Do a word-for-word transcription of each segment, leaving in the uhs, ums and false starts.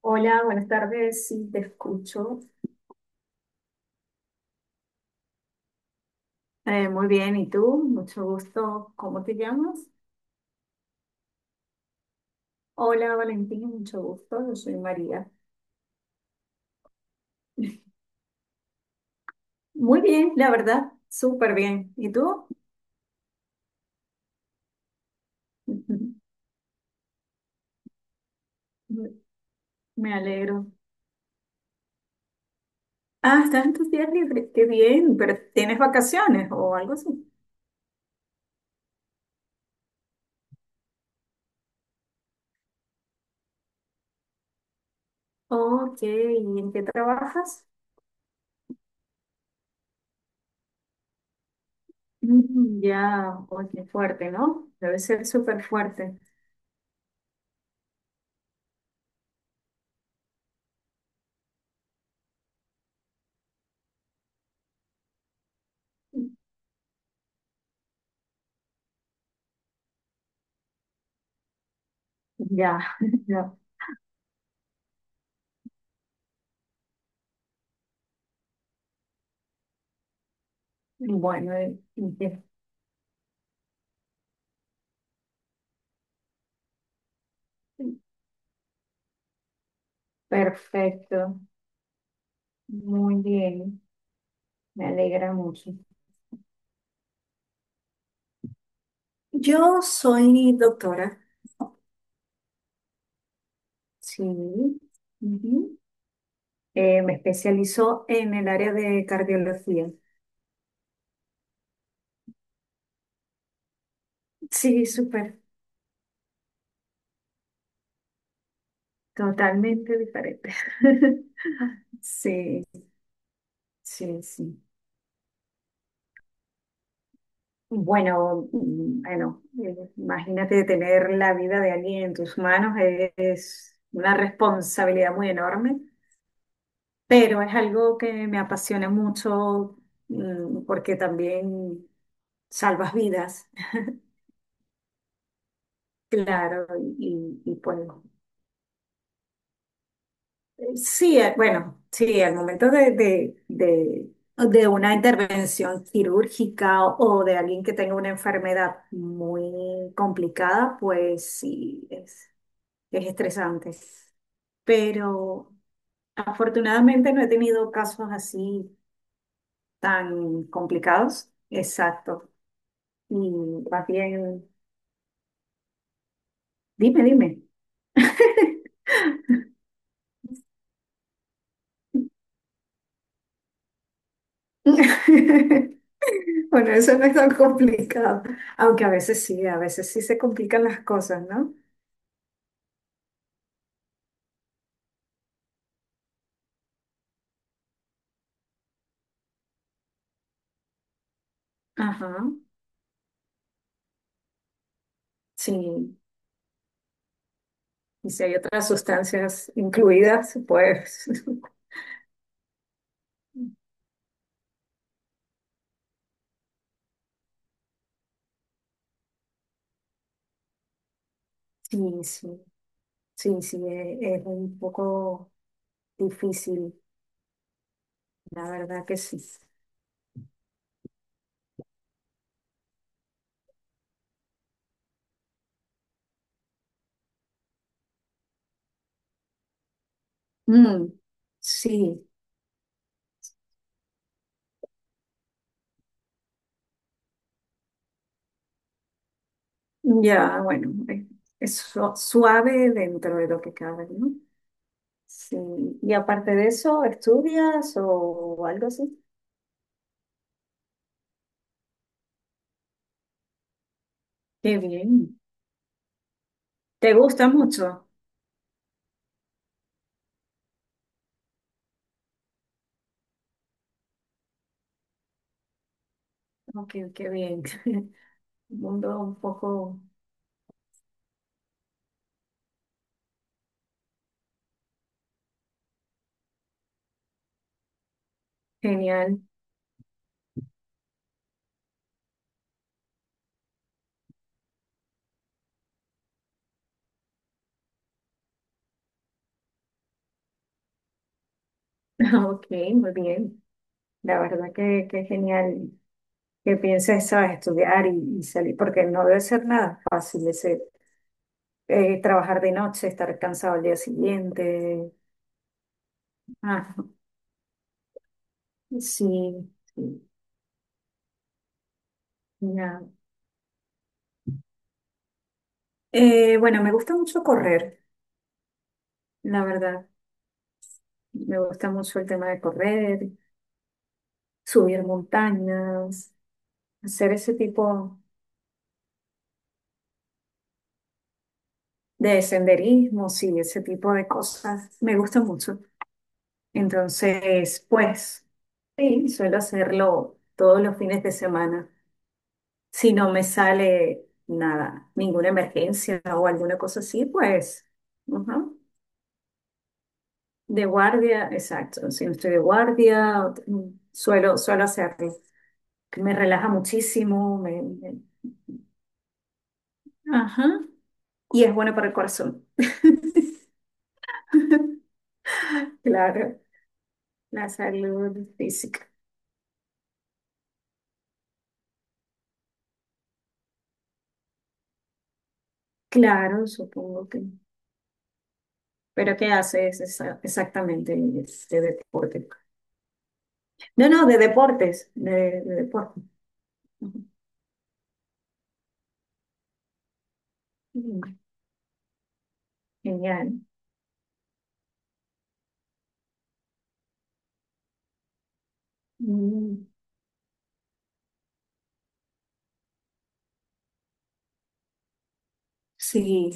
Hola, buenas tardes, sí, te escucho. Eh, muy bien, ¿y tú? Mucho gusto. ¿Cómo te llamas? Hola, Valentín, mucho gusto. Yo soy María. Muy bien, la verdad, súper bien. ¿Y tú? Ujú. Me alegro. Ah, estás en tus días libres. Qué bien, pero ¿tienes vacaciones o algo así? Ok, ¿y en qué trabajas? Mm, ya, oye, qué fuerte, ¿no? Debe ser súper fuerte. Ya, ya. Bueno, eh, ¿y qué? Perfecto, muy bien, me alegra mucho. Yo soy doctora. Sí, ujú. Eh, me especializo en el área de cardiología. Sí, súper. Totalmente diferente. Sí, sí, sí. Bueno, mm, bueno, eh, imagínate tener la vida de alguien en tus manos, eh, es una responsabilidad muy enorme. Pero es algo que me apasiona mucho, mm, porque también salvas vidas. Claro, y, y pues eh, sí, eh, bueno, sí, al momento de, de, de, de una intervención quirúrgica o de alguien que tenga una enfermedad muy complicada, pues sí, es, es estresante. Pero afortunadamente no he tenido casos así tan complicados. Exacto. Y más bien, dime, dime. Bueno, eso no es tan complicado, aunque a veces sí, a veces sí se complican las cosas, ¿no? Ajá, sí. Y si hay otras sustancias incluidas, pues sí, sí, sí, sí, e- es un poco difícil, la verdad que sí. Mm, sí, ya, bueno, eh, es su- suave dentro de lo que cabe, ¿no? Sí. Y aparte de eso, ¿estudias o algo así? Qué bien. ¿Te gusta mucho? Ok, qué bien. Un mundo un poco genial. Ok, muy bien. La verdad que, que genial que pienses, sabes, estudiar y, y salir, porque no debe ser nada fácil ese, eh, trabajar de noche, estar cansado al día siguiente. Ah, sí, sí, ya. Eh, bueno, me gusta mucho correr, la verdad. Me gusta mucho el tema de correr, subir montañas, hacer ese tipo de senderismo, sí, ese tipo de cosas. Me gusta mucho. Entonces, pues, sí, suelo hacerlo todos los fines de semana. Si no me sale nada, ninguna emergencia o alguna cosa así, pues, ajá, de guardia, exacto. Si no estoy de guardia, o- mm, suelo, suelo hacerlo. Que me relaja muchísimo, me- me- Ajá, y es bueno para el corazón. Claro, la salud física. Claro, supongo que. Pero ¿qué haces exa- exactamente de deporte? No, no, de deportes, de, de deporte. Ujú. Mm, genial. Mm, sí,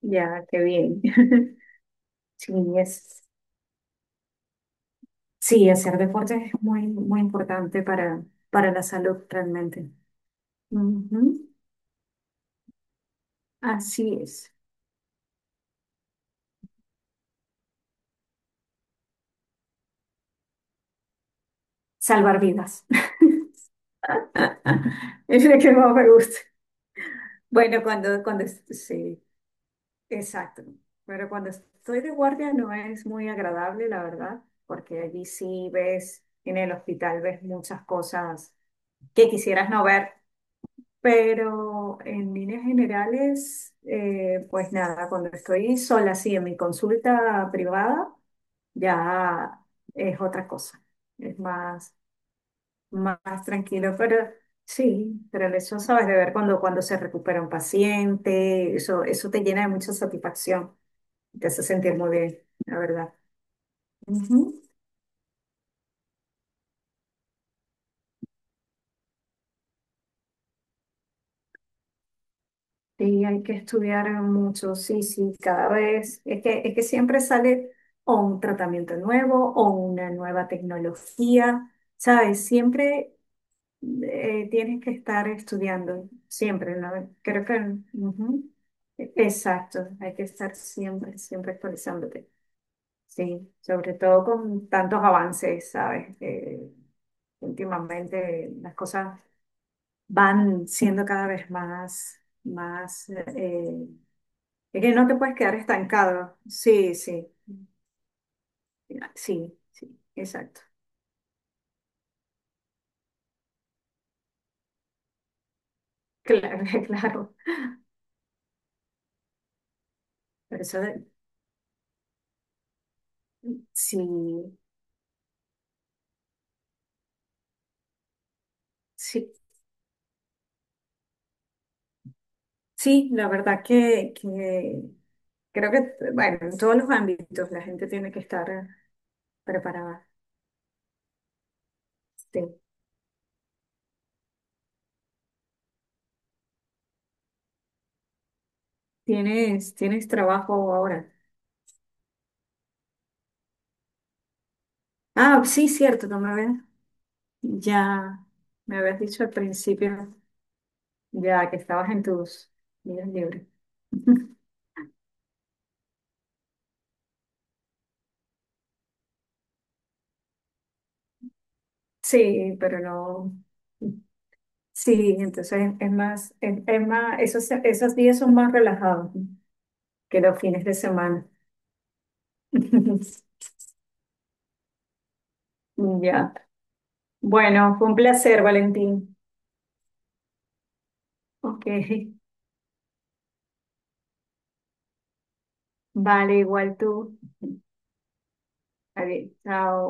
ya, qué bien. Sí, es, sí, hacer deporte es muy, muy importante para, para la salud realmente. Ujú, así es. Salvar vidas. Es lo que más me gusta. Bueno, cuando, cuando, es- sí, exacto. Pero cuando estoy de guardia no es muy agradable, la verdad, porque allí sí ves, en el hospital ves muchas cosas que quisieras no ver, pero en líneas generales, eh, pues nada, cuando estoy sola, sí, en mi consulta privada, ya es otra cosa. Es más. Más tranquilo, pero sí, pero eso sabes de ver cuando, cuando se recupera un paciente, eso, eso te llena de mucha satisfacción, te hace sentir muy bien, la verdad. Ujú. Sí, hay que estudiar mucho, sí, sí, cada vez, es que, es que siempre sale o un tratamiento nuevo o una nueva tecnología, ¿sabes? Siempre eh, tienes que estar estudiando, siempre, ¿no? Creo que. Ujú. Exacto, hay que estar siempre, siempre actualizándote. Sí, sobre todo con tantos avances, ¿sabes? Eh, últimamente las cosas van siendo cada vez más, más, eh, es que no te puedes quedar estancado. Sí, sí, sí, sí, exacto. Claro, claro. Por eso, de- sí, sí, sí, la verdad que, que creo que, bueno, en todos los ámbitos la gente tiene que estar preparada. Sí. ¿Tienes, tienes trabajo ahora? Ah, sí, cierto, no me habías. Ya me habías dicho al principio, ya que estabas en tus días libres. Sí, pero no. Sí, entonces es más, es, es más, esos, esos días son más relajados que los fines de semana. Ya. Bueno, fue un placer, Valentín. Ok, vale, igual tú. Adiós, chao.